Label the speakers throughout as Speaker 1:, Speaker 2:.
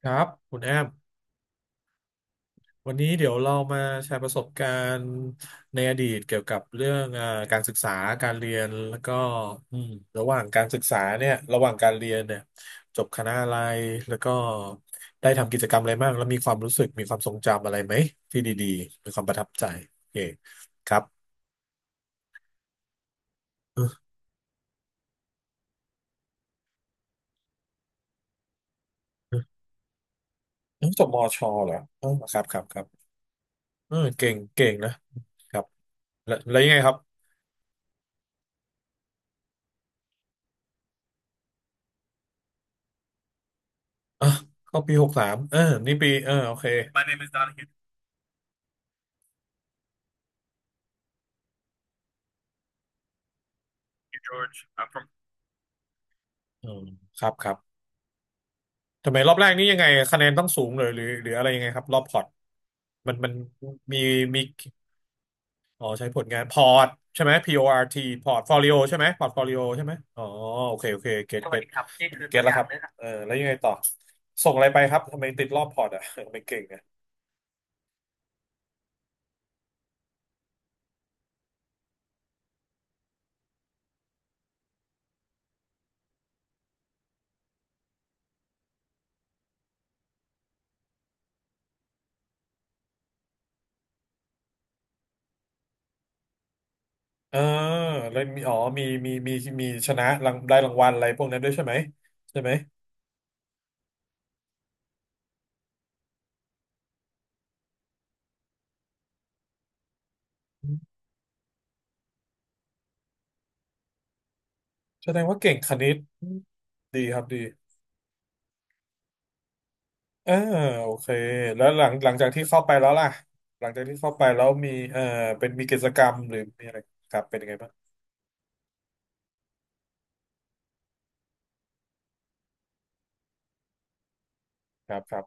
Speaker 1: ครับคุณแอมวันนี้เดี๋ยวเรามาแชร์ประสบการณ์ในอดีตเกี่ยวกับเรื่องเอ่าการศึกษาการเรียนแล้วก็อืมระหว่างการศึกษาเนี่ยระหว่างการเรียนเนี่ยจบคณะอะไรแล้วก็ได้ทำกิจกรรมอะไรบ้างแล้วมีความรู้สึกมีความทรงจำอะไรไหมที่ดีๆมีความประทับใจโอเคครับเออเออเออจบมชเหรอเออครับครับครับเออเก่งเก่งนะครับแล้วยังไงครับอ่ะเข้าปีหกสามเออนี่ปีเออโอเค อืมครับครับทำไมรอบแรกนี้ยังไงคะแนนต้องสูงเลยหรือหรืออะไรยังไงครับรอบพอร์ตมันมีมีอ๋อใช้ผลงานพอร์ตใช่ไหม PORT พอร์ตฟอลิโอใช่ไหมพอร์ตฟอลิโอใช่ไหมอ๋อโอเคโอเคเก็ตเก็ตเก็ตอแล้วครับเลครับเออแล้วยังไงต่อส่งอะไรไปครับทำไมติดรอบพอร์ตอ่ะ ทำไม่เก่งอ่ะเออแล้วมีอ๋อมีมีมีมีชนะรางได้รางวัลอะไรพวกนั้นด้วยใช่ไหมใช่ไหมแสดงว่าเก่งคณิตดีครับดี เออโอเคแล้วหลังจากที่เข้าไปแล้วล่ะหลังจากที่เข้าไปแล้วมีเออเป็นมีกิจกรรมหรือมีอะไรครับเป็นยังไงบ้างครับครับ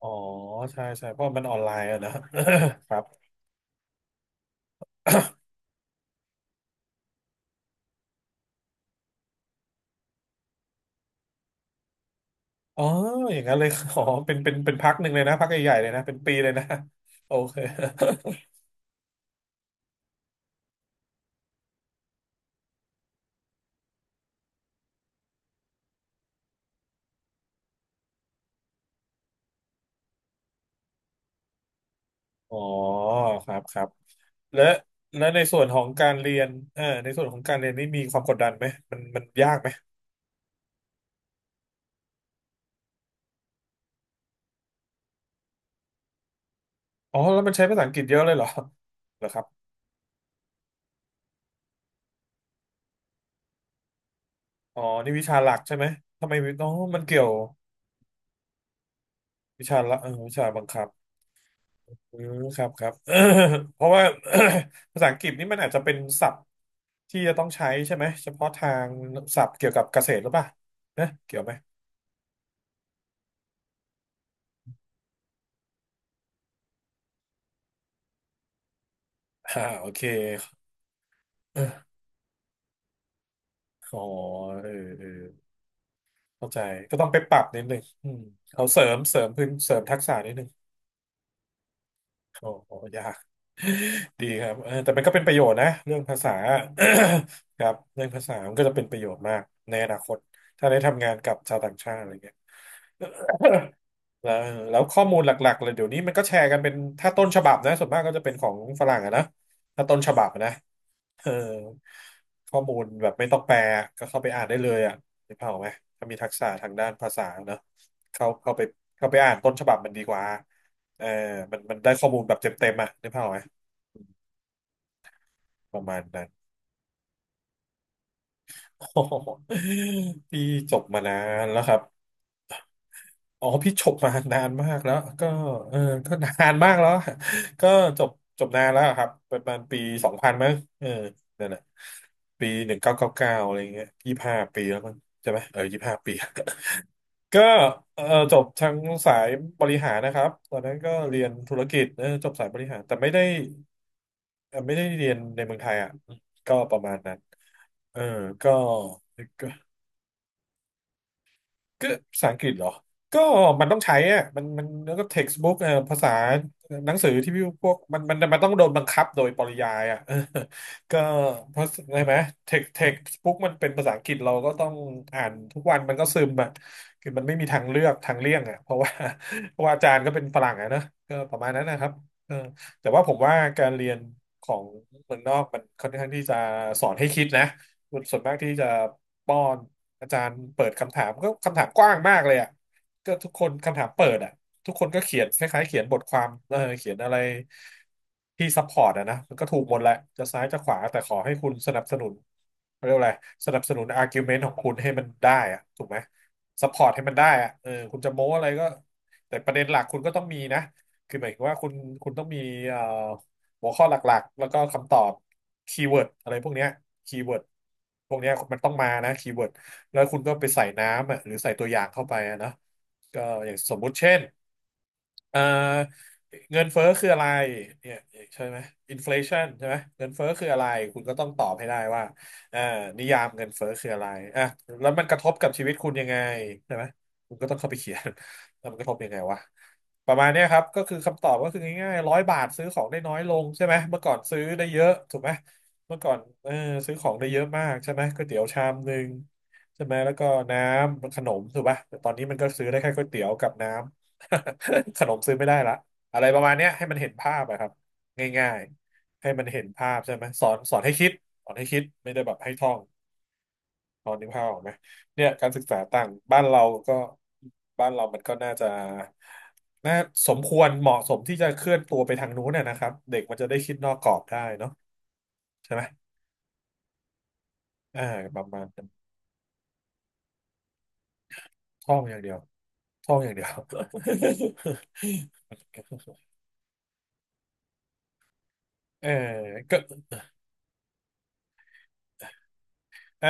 Speaker 1: อ๋อใช่ใช่เพราะมันออนไลน์อะนะ ครับ อ๋ออย่างนั้นเลย อ๋อเป็นเป็นเป็นพักหนึ่งเลยนะพักใหญ่ๆเลยนะเป็นปีเลยนะ โอเค อ๋อครับครับและในส่วนของการเรียนเออในส่วนของการเรียนนี่มีความกดดันไหมมันยากไหมอ๋อแล้วมันใช้ภาษาอังกฤษเยอะเลยเหรอเหรอครับ อ๋อนี่วิชาหลักใช่ไหมทำไมน้องมันเกี่ยววิชาละเออวิชาบังคับอืมครับครับ เพราะว่า ภาษาอังกฤษนี่มันอาจจะเป็นศัพท์ที่จะต้องใช้ใช่ไหมเฉพาะทางศัพท์เกี่ยวกับเกษตรหรือเปล่านะเกี่ยวไหมอ่าโอเคเออ อ๋อเออเออเข้าใจก็ต้องไปปรับนิดหนึ่งอืมเขาเสริมพื้นเสริมทักษะนิดหนึ่ง โอ้โหยาก ดีครับเออแต่มันก็เป็นประโยชน์นะเรื่องภาษา ครับเรื่องภาษามันก็จะเป็นประโยชน์มากในอนาคตถ้าได้ทำงานกับชาวต่างชาติอะไรเงี้ย แล้วข้อมูลหลักๆเลยเดี๋ยวนี้มันก็แชร์กันเป็นถ้าต้นฉบับนะส่วนมากก็จะเป็นของฝรั่งอะนะถ้าต้นฉบับอะนะเออข้อมูลแบบไม่ต้องแปลก็เข้าไปอ่านได้เลยอ่ะนึกภาพออกไหมถ้ามีทักษะทางด้านภาษาเนอะเข้าไปเข้าไปอ่านต้นฉบับมันดีกว่า เออมันได้ข้อมูลแบบเต็มๆอ่ะนึกภาพออกไหมประมาณนั้น โอ้โหพี่จบมานานแล้วครับอ๋อพี่จบมานานมากแล้ว ก็เออก็นานมากแล้ว ก็จบจบนานแล้วครับประมาณปีสองพันมั้งเออนั่นแหละปีหนึ่งเก้าเก้าเก้าอะไรเงี้ยยี่ห้าปีแล้วมั้งใช่ไหม เออยี่ห้าปี ก็เออจบทางสายบริหารนะครับตอนนั้นก็เรียนธุรกิจเออจบสายบริหารแต่ไม่ได้ไม่ได้เรียนในเมืองไทยอ่ะก็ประมาณนั้นเออก็ก็ ก็ภาษาอังกฤษเหรอ ก็มันต้องใช้อะมันแล้วก็ textbook ภาษาหนังสือที่พี่พวกมันต้องโดนบังคับโดยปริยายอ่ะ เออก็เพราะใช่ไหม textbook มันเป็นภาษาอังกฤษเราก็ต้องอ่านทุกวันมันก็ซึมอ่ะคือมันไม่มีทางเลือกทางเลี่ยงอ่ะเพราะว่า เพราะว่าอาจารย์ก็เป็นฝรั่งอ่ะนะก็ประมาณนั้นนะครับเออแต่ว่าผมว่าการเรียนของเมืองนอกมันค่อนข้างที่จะสอนให้คิดนะส่วนมากที่จะป้อน อาจารย์เปิดคำถามก็คำถามกว้างมากเลยอ่ะก็ทุกคนคำถามเปิดอ่ะทุกคนก็เขียนคล้ายๆเขียนบทความเออเขียนอะไรที่ซัพพอร์ตอ่ะนะมันก็ถูกหมดแหละจะซ้ายจะขวาแต่ขอให้คุณสนับสนุนเขาเรียกว่าอะไรสนับสนุนอาร์กิวเมนต์ของคุณให้มันได้อ่ะถูกไหมซัพพอร์ตให้มันได้อ่ะเออคุณจะโม้อะไรก็แต่ประเด็นหลักคุณก็ต้องมีนะคือหมายถึงว่าคุณต้องมีเอ่อหัวข้อหลักๆแล้วก็คำตอบคีย์เวิร์ดอะไรพวกเนี้ยคีย์เวิร์ดพวกเนี้ยมันต้องมานะคีย์เวิร์ด แล้วคุณก็ไปใส่น้ำอ่ะหรือใส่ตัวอย่างเข้าไปอะนะก็อย่างสมมุติเช่นเอ่อเงินเฟ้อคืออะไรเนี่ยใช่ไหมอินฟลชันใช่ไหมเงินเฟ้อคืออะไรคุณก็ต้องตอบให้ได้ว่าเอ่อนิยามเงินเฟ้อคืออะไรอ่ะแล้วมันกระทบกับชีวิตคุณยังไงใช่ไหมคุณก็ต้องเข้าไปเขียน แล้วมันกระทบยังไงวะประมาณเนี้ยครับก็คือคำตอบก็คือง่ายๆ100 บาทซื้อของได้น้อยลงใช่ไหมเมื่อก่อนซื้อได้เยอะถูกไหมเมื่อก่อนเออซื้อของได้เยอะมากใช่ไหมก๋วยเตี๋ยวชามหนึ่ง ใช่ไหมแล้วก็น้ำขนมถูกป่ะแต่ตอนนี้มันก็ซื้อได้แค่ก๋วยเตี๋ยวกับน้ำ ขนมซื้อไม่ได้ละอะไรประมาณเนี้ยให้มันเห็นภาพอะครับง่ายๆให้มันเห็นภาพใช่ไหมสอนให้คิดสอนให้คิดไม่ได้แบบให้ท่องตอนนึกภาพออกไหมเนี่ยการศึกษาต่างบ้านเราก็บ้านเรามันก็น่าจะน่าสมควรเหมาะสมที่จะเคลื่อนตัวไปทางนู้นน่ะนะครับเด็กมันจะได้คิดนอกกรอบได้เนาะใช่ไหมอ่าประมาณนั้นท่องอย่างเดียว ท่องอย่างเดียว เออก็เออ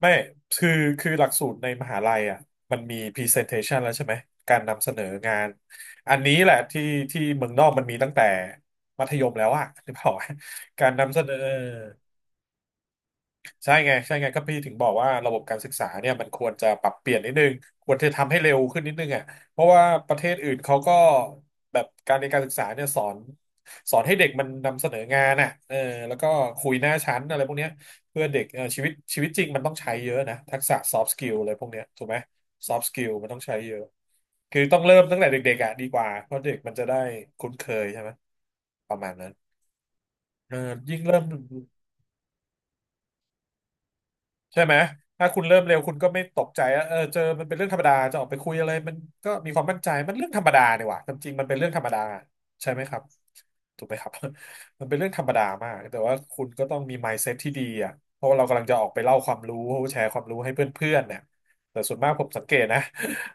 Speaker 1: ไม่คือคือหลักสูตรในมหาลัยอ่ะมันมี presentation แล้วใช่ไหมการนำเสนองานอันนี้แหละที่ที่เมืองนอกมันมีตั้งแต่มัธยมแล้วอ่ะ หรือเปล่าการนำเสนอ ใช่ไงใช่ไงก็พี่ถึงบอกว่าระบบการศึกษาเนี่ยมันควรจะปรับเปลี่ยนนิดนึงควรจะทำให้เร็วขึ้นนิดนึงอ่ะเพราะว่าประเทศอื่นเขาก็แบบการเรียนการศึกษาเนี่ยสอนให้เด็กมันนำเสนองานอ่ะเออแล้วก็คุยหน้าชั้นอะไรพวกเนี้ยเพื่อเด็กเออชีวิตจริงมันต้องใช้เยอะนะทักษะ soft skill อะไรพวกเนี้ยถูกไหม soft skill มันต้องใช้เยอะคือต้องเริ่มตั้งแต่เด็กๆอ่ะดีกว่าเพราะเด็กมันจะได้คุ้นเคยใช่ไหมประมาณนั้นเออยิ่งเริ่ม ใช่ไหมถ้าคุณเริ่มเร็วคุณก็ไม่ตกใจอะเออเจอมันเป็นเรื่องธรรมดาจะออกไปคุยอะไรมันก็มีความมั่นใจมันเรื่องธรรมดาเนี่ยว่ะความจริงมันเป็นเรื่องธรรมดาใช่ไหมครับถูกไหมครับ มันเป็นเรื่องธรรมดามากแต่ว่าคุณก็ต้องมี mindset ที่ดีอ่ะเพราะว่าเรากำลังจะออกไปเล่าความรู้แชร์ความรู้ให้เพื่อนๆเนี่ยแต่ส่วนมากผมสังเกตนะ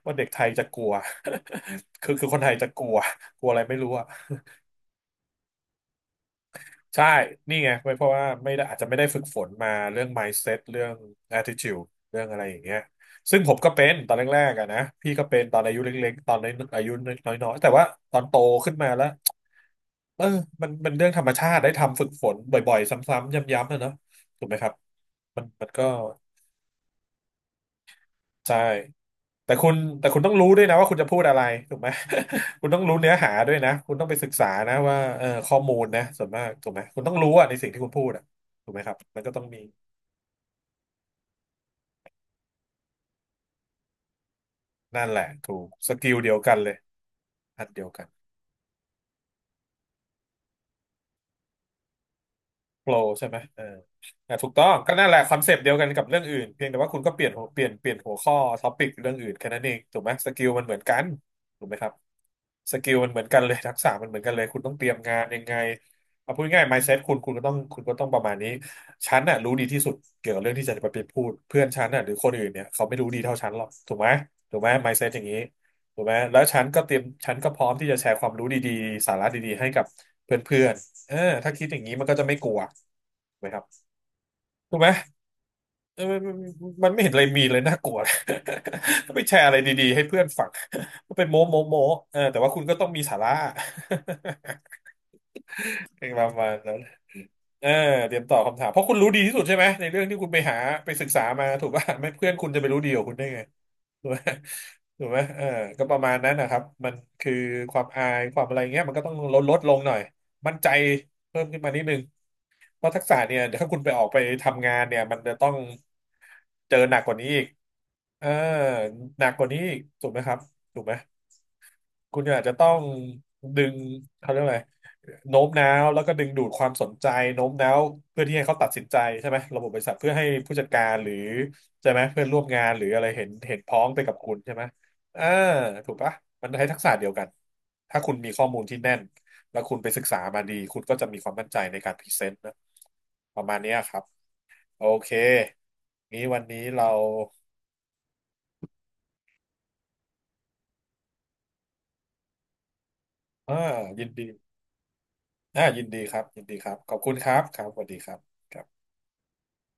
Speaker 1: ว่าเด็กไทยจะกลัว คือคนไทยจะกลัวกลัวอะไรไม่รู้อ่ะ ใช่นี่ไงไม่เพราะว่าไม่ได้อาจจะไม่ได้ฝึกฝนมาเรื่อง mindset เรื่อง attitude เรื่องอะไรอย่างเงี้ยซึ่งผมก็เป็นตอนแรกๆอะนะพี่ก็เป็นตอนอายุเล็กๆตอนอายุน้อยๆแต่ว่าตอนโตขึ้นมาแล้วเออมันเรื่องธรรมชาติได้ทำฝึกฝนบ่อยๆซ้ำๆย้ำๆนะเนาะถูกไหมครับมันก็ใช่แต่คุณต้องรู้ด้วยนะว่าคุณจะพูดอะไรถูกไหม คุณต้องรู้เนื้อหาด้วยนะคุณต้องไปศึกษานะว่าเออข้อมูลนะส่วนมากถูกไหมคุณต้องรู้อะในสิ่งที่คุณพูดอะถูกไหมครับมันก็ต้องมี นั่นแหละถูกสกิลเดียวกันเลยอันเดียวกันโปรใช่ไหมเออถูกต้องก็นั่นแหละคอนเซปต์เดียวกันกับเรื่องอื่นเพียงแต่ว่าคุณก็เปลี่ยนหัวเปลี่ยนเปลี่ยนหัวข้อท็อปิกเรื่องอื่นแค่นั้นเองถูกไหมสกิลมันเหมือนกันถูกไหมครับ สกิลมันเหมือนกันเลย ทักษะมันเหมือนกันเลยคุณต้องเตรียมงานยังไงเอาพูดง่าย mindset คุณก็ต้องประมาณนี้ฉันน่ะรู้ดีที่สุดเกี่ยวกับเรื่องที่จะไปพูดเพื่อนฉันน่ะหรือคนอื่นเนี่ยเขาไม่รู้ดีเท่าฉันหรอกถูกไหมถูกไหม mindset อย่างนี้ถูกไหมแล้วฉันก็พร้อมที่จะแชร์ความรู้ดีๆสาระดีๆให้กับเพื่อนๆเออถ้าคิดอย่างนี้มันก็จะไม่กลัวถูกไหมครับถูกไหม เออมันไม่เห็นอะไรมีเลยน่ากลัว ก็ไปแชร์อะไรดีๆให้เพื่อนฟัง มัเป็นโม้โม้โม้เออแต่ว่าคุณก็ต้องมีสาระ เปนประมาณนั้นเออเตรียมตอบคำถามเพราะคุณรู้ดีที่สุดใช่ไหมในเรื่องที่คุณไปหาไปศึกษามาถูกป่ะไม่เพื่อนคุณจะไปรู้ดีกว่าคุณได้ไงถูกไหมถูกไหมเออก็ประมาณนั้นนะครับมันคือความอายความอะไรเงี้ยมันก็ต้องลดลงหน่อยมั่นใจเพิ่มขึ้นมานิดนึง เพราะทักษะเนี่ยเดี๋ยวถ้าคุณไปออกไปทำงานเนี่ยมันจะต้องเจอหนักกว่านี้อีกเออหนักกว่านี้อีกถูกไหมครับถูกไหม คุณอาจจะต้องดึงเขาเรียกอะไรโน้มน้าวแล้วก็ดึงดูดความสนใจโน้มน้าวเพื่อที่ให้เขาตัดสินใจใช่ไหมระบบบริษัทเพื่อให้ผู้จัดการหรือใช่ไหมเพื่อนร่วมงานหรืออะไรเห็นพ้องไปกับคุณใช่ไหมอ่าถูกปะมันใช้ทักษะเดียวกันถ้าคุณมีข้อมูลที่แน่นแล้วคุณไปศึกษามาดีคุณก็จะมีความมั่นใจในการพรีเซนต์นะประมาณเนี้ยครับโอเคนี้วันนี้เราอ่ายินดียินดีครับยินดีครับขอบคุณครับครับสวัสดีครับ